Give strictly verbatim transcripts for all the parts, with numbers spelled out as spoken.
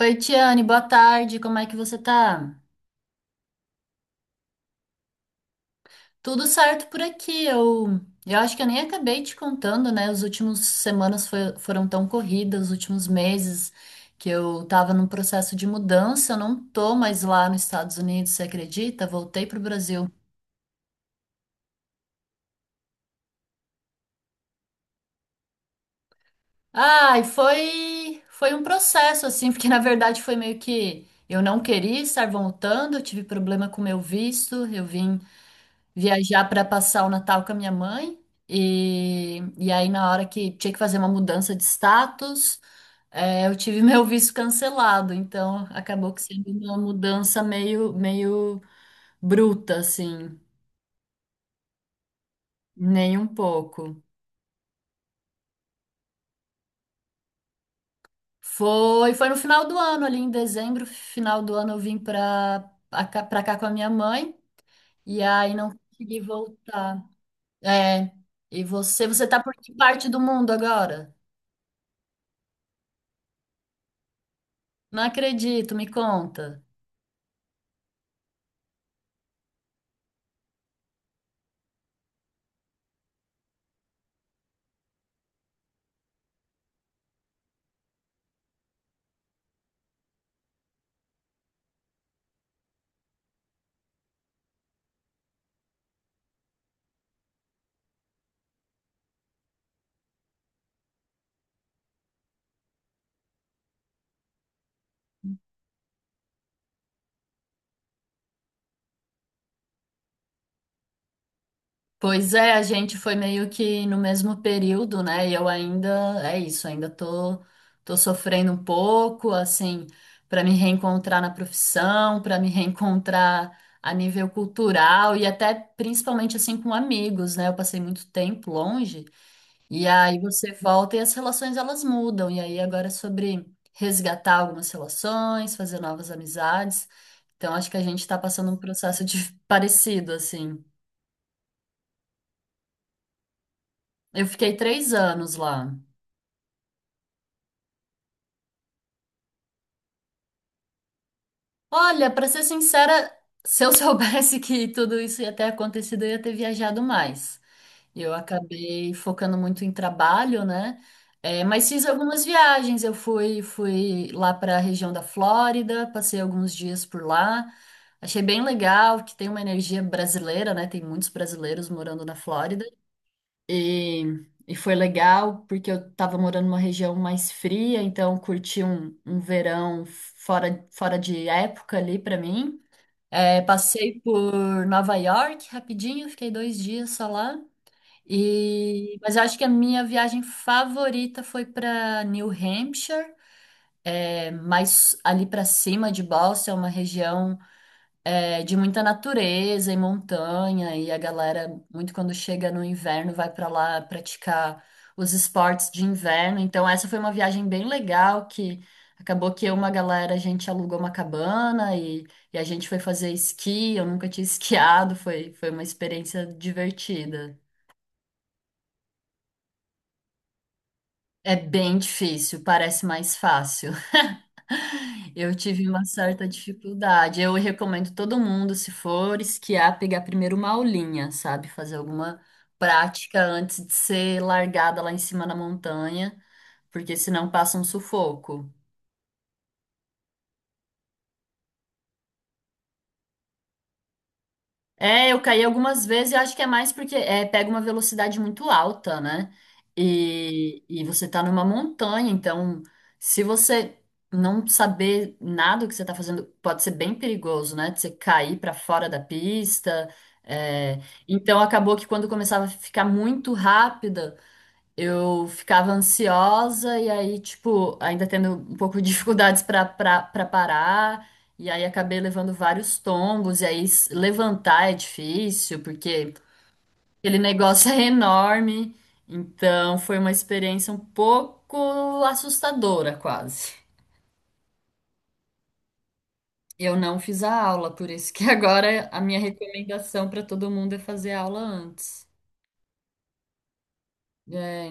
Oi, Tiane, boa tarde, como é que você tá? Tudo certo por aqui, eu, eu acho que eu nem acabei te contando, né? As últimas semanas foi- foram tão corridas, os últimos meses que eu tava num processo de mudança, eu não tô mais lá nos Estados Unidos, você acredita? Voltei pro Brasil. Ai, foi, foi um processo, assim, porque na verdade foi meio que eu não queria estar voltando, eu tive problema com meu visto, eu vim viajar para passar o Natal com a minha mãe. E, e aí, na hora que tinha que fazer uma mudança de status, é, eu tive meu visto cancelado. Então, acabou que sendo uma mudança meio, meio bruta, assim, nem um pouco. Foi, foi no final do ano, ali em dezembro, final do ano, eu vim para cá, pra cá com a minha mãe. E aí, não consegui voltar. É, e você, você tá por que parte do mundo agora? Não acredito, me conta. Pois é, a gente foi meio que no mesmo período, né? E eu ainda, é isso, ainda tô, tô sofrendo um pouco, assim, para me reencontrar na profissão, para me reencontrar a nível cultural e até principalmente assim com amigos, né? Eu passei muito tempo longe e aí você volta e as relações elas mudam. E aí agora é sobre resgatar algumas relações, fazer novas amizades. Então acho que a gente tá passando um processo de parecido, assim. Eu fiquei três anos lá. Olha, pra ser sincera, se eu soubesse que tudo isso ia ter acontecido, eu ia ter viajado mais. Eu acabei focando muito em trabalho, né? É, mas fiz algumas viagens. Eu fui, fui lá para a região da Flórida, passei alguns dias por lá. Achei bem legal que tem uma energia brasileira, né? Tem muitos brasileiros morando na Flórida. E, e foi legal porque eu estava morando numa região mais fria, então curti um, um verão fora, fora de época ali para mim. É, passei por Nova York rapidinho, fiquei dois dias só lá. E, mas eu acho que a minha viagem favorita foi para New Hampshire, é, mais ali para cima de Boston, é uma região é, de muita natureza e montanha, e a galera, muito quando chega no inverno, vai pra lá praticar os esportes de inverno. Então, essa foi uma viagem bem legal que acabou que eu e uma galera, a gente alugou uma cabana e, e a gente foi fazer esqui. Eu nunca tinha esquiado, foi, foi uma experiência divertida. É bem difícil, parece mais fácil. Eu tive uma certa dificuldade. Eu recomendo todo mundo, se for esquiar, pegar primeiro uma aulinha, sabe? Fazer alguma prática antes de ser largada lá em cima na montanha, porque senão passa um sufoco. É, eu caí algumas vezes e acho que é mais porque é, pega uma velocidade muito alta, né? E, e você tá numa montanha, então se você não saber nada do que você tá fazendo, pode ser bem perigoso, né? De você cair pra fora da pista. É. Então acabou que quando começava a ficar muito rápida. Eu ficava ansiosa e aí, tipo, ainda tendo um pouco de dificuldades para para parar, e aí acabei levando vários tombos, e aí s- levantar é difícil, porque aquele negócio é enorme. Então, foi uma experiência um pouco assustadora, quase. Eu não fiz a aula, por isso que agora a minha recomendação para todo mundo é fazer a aula antes. É.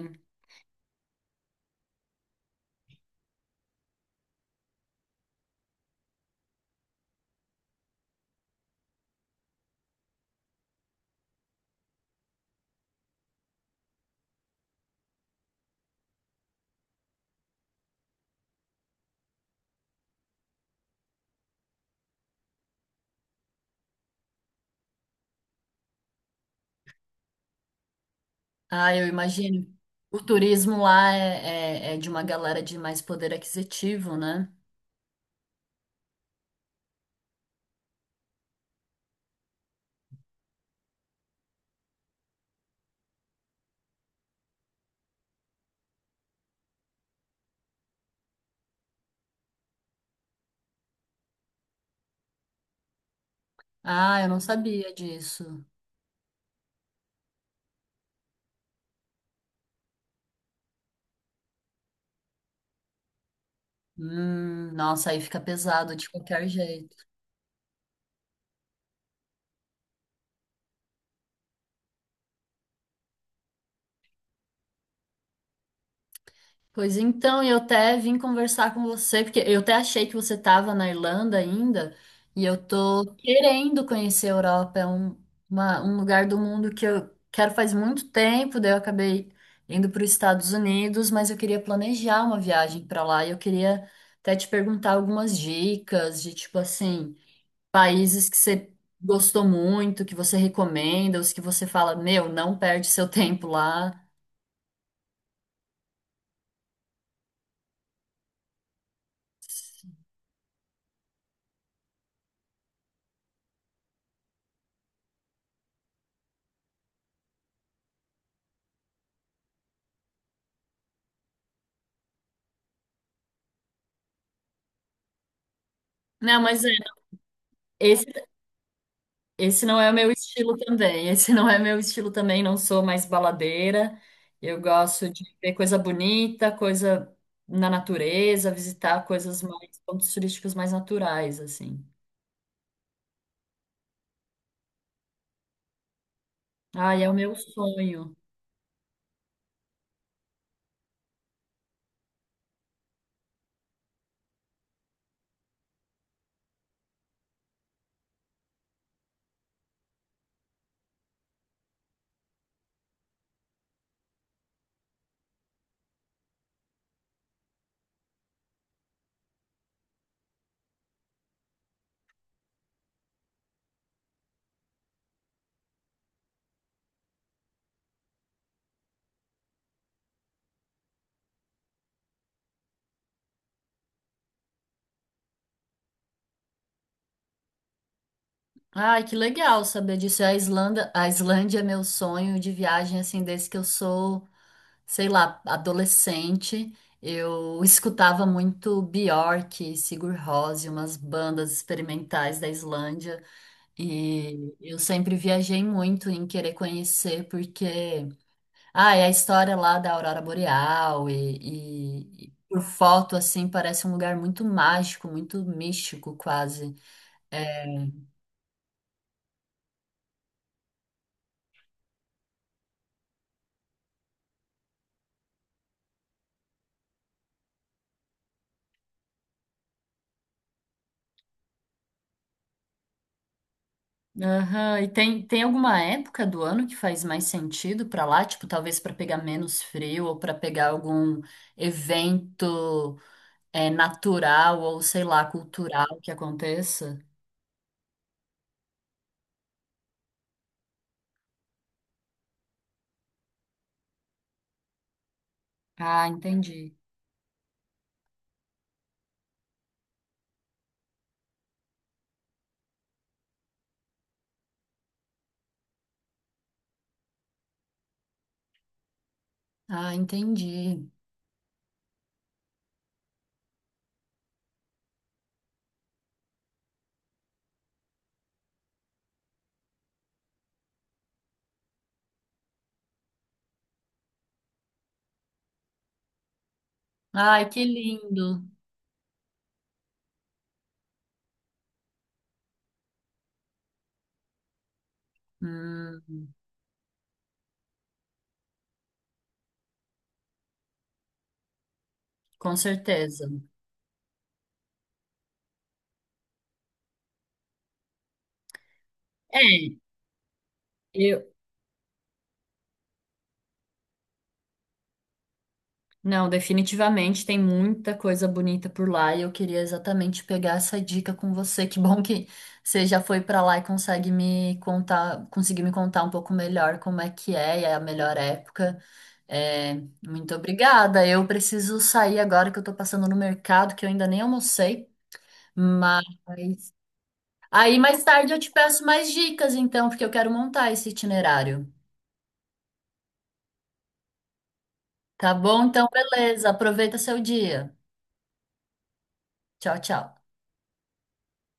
Ah, eu imagino. O turismo lá é, é, é de uma galera de mais poder aquisitivo, né? Ah, eu não sabia disso. Hum, nossa, aí fica pesado de qualquer jeito. Pois então, eu até vim conversar com você, porque eu até achei que você estava na Irlanda ainda, e eu tô querendo conhecer a Europa, é um, uma- um lugar do mundo que eu quero faz muito tempo, daí eu acabei indo para os Estados Unidos, mas eu queria planejar uma viagem para lá, e eu queria até te perguntar algumas dicas de tipo assim, países que você gostou muito, que você recomenda, os que você fala, meu, não perde seu tempo lá. Não, mas é. Esse não é o meu estilo também. Esse não é meu estilo também. Não sou mais baladeira. Eu gosto de ver coisa bonita, coisa na natureza, visitar coisas mais, pontos turísticos mais naturais, assim. Ai, é o meu sonho. Ai, que legal saber disso. A Islândia, a Islândia é meu sonho de viagem, assim, desde que eu sou, sei lá, adolescente. Eu escutava muito Björk, Sigur Rós umas bandas experimentais da Islândia. E eu sempre viajei muito em querer conhecer, porque ah, é a história lá da Aurora Boreal e, e- e por foto assim parece um lugar muito mágico, muito místico quase. Aham, e tem, tem alguma época do ano que faz mais sentido pra lá? Tipo, talvez pra pegar menos frio ou pra pegar algum evento é, natural ou sei lá, cultural que aconteça? Ah, entendi. Ah, entendi. Ai, que lindo. Hum, com certeza. É, eu. Não, definitivamente tem muita coisa bonita por lá e eu queria exatamente pegar essa dica com você. Que bom que você já foi pra lá e consegue me contar, conseguir me contar um pouco melhor como é que é e é a melhor época. É, muito obrigada. Eu preciso sair agora que eu tô passando no mercado, que eu ainda nem almocei, mas aí mais tarde eu te peço mais dicas então, porque eu quero montar esse itinerário. Tá bom? Então, beleza. Aproveita seu dia. Tchau, tchau.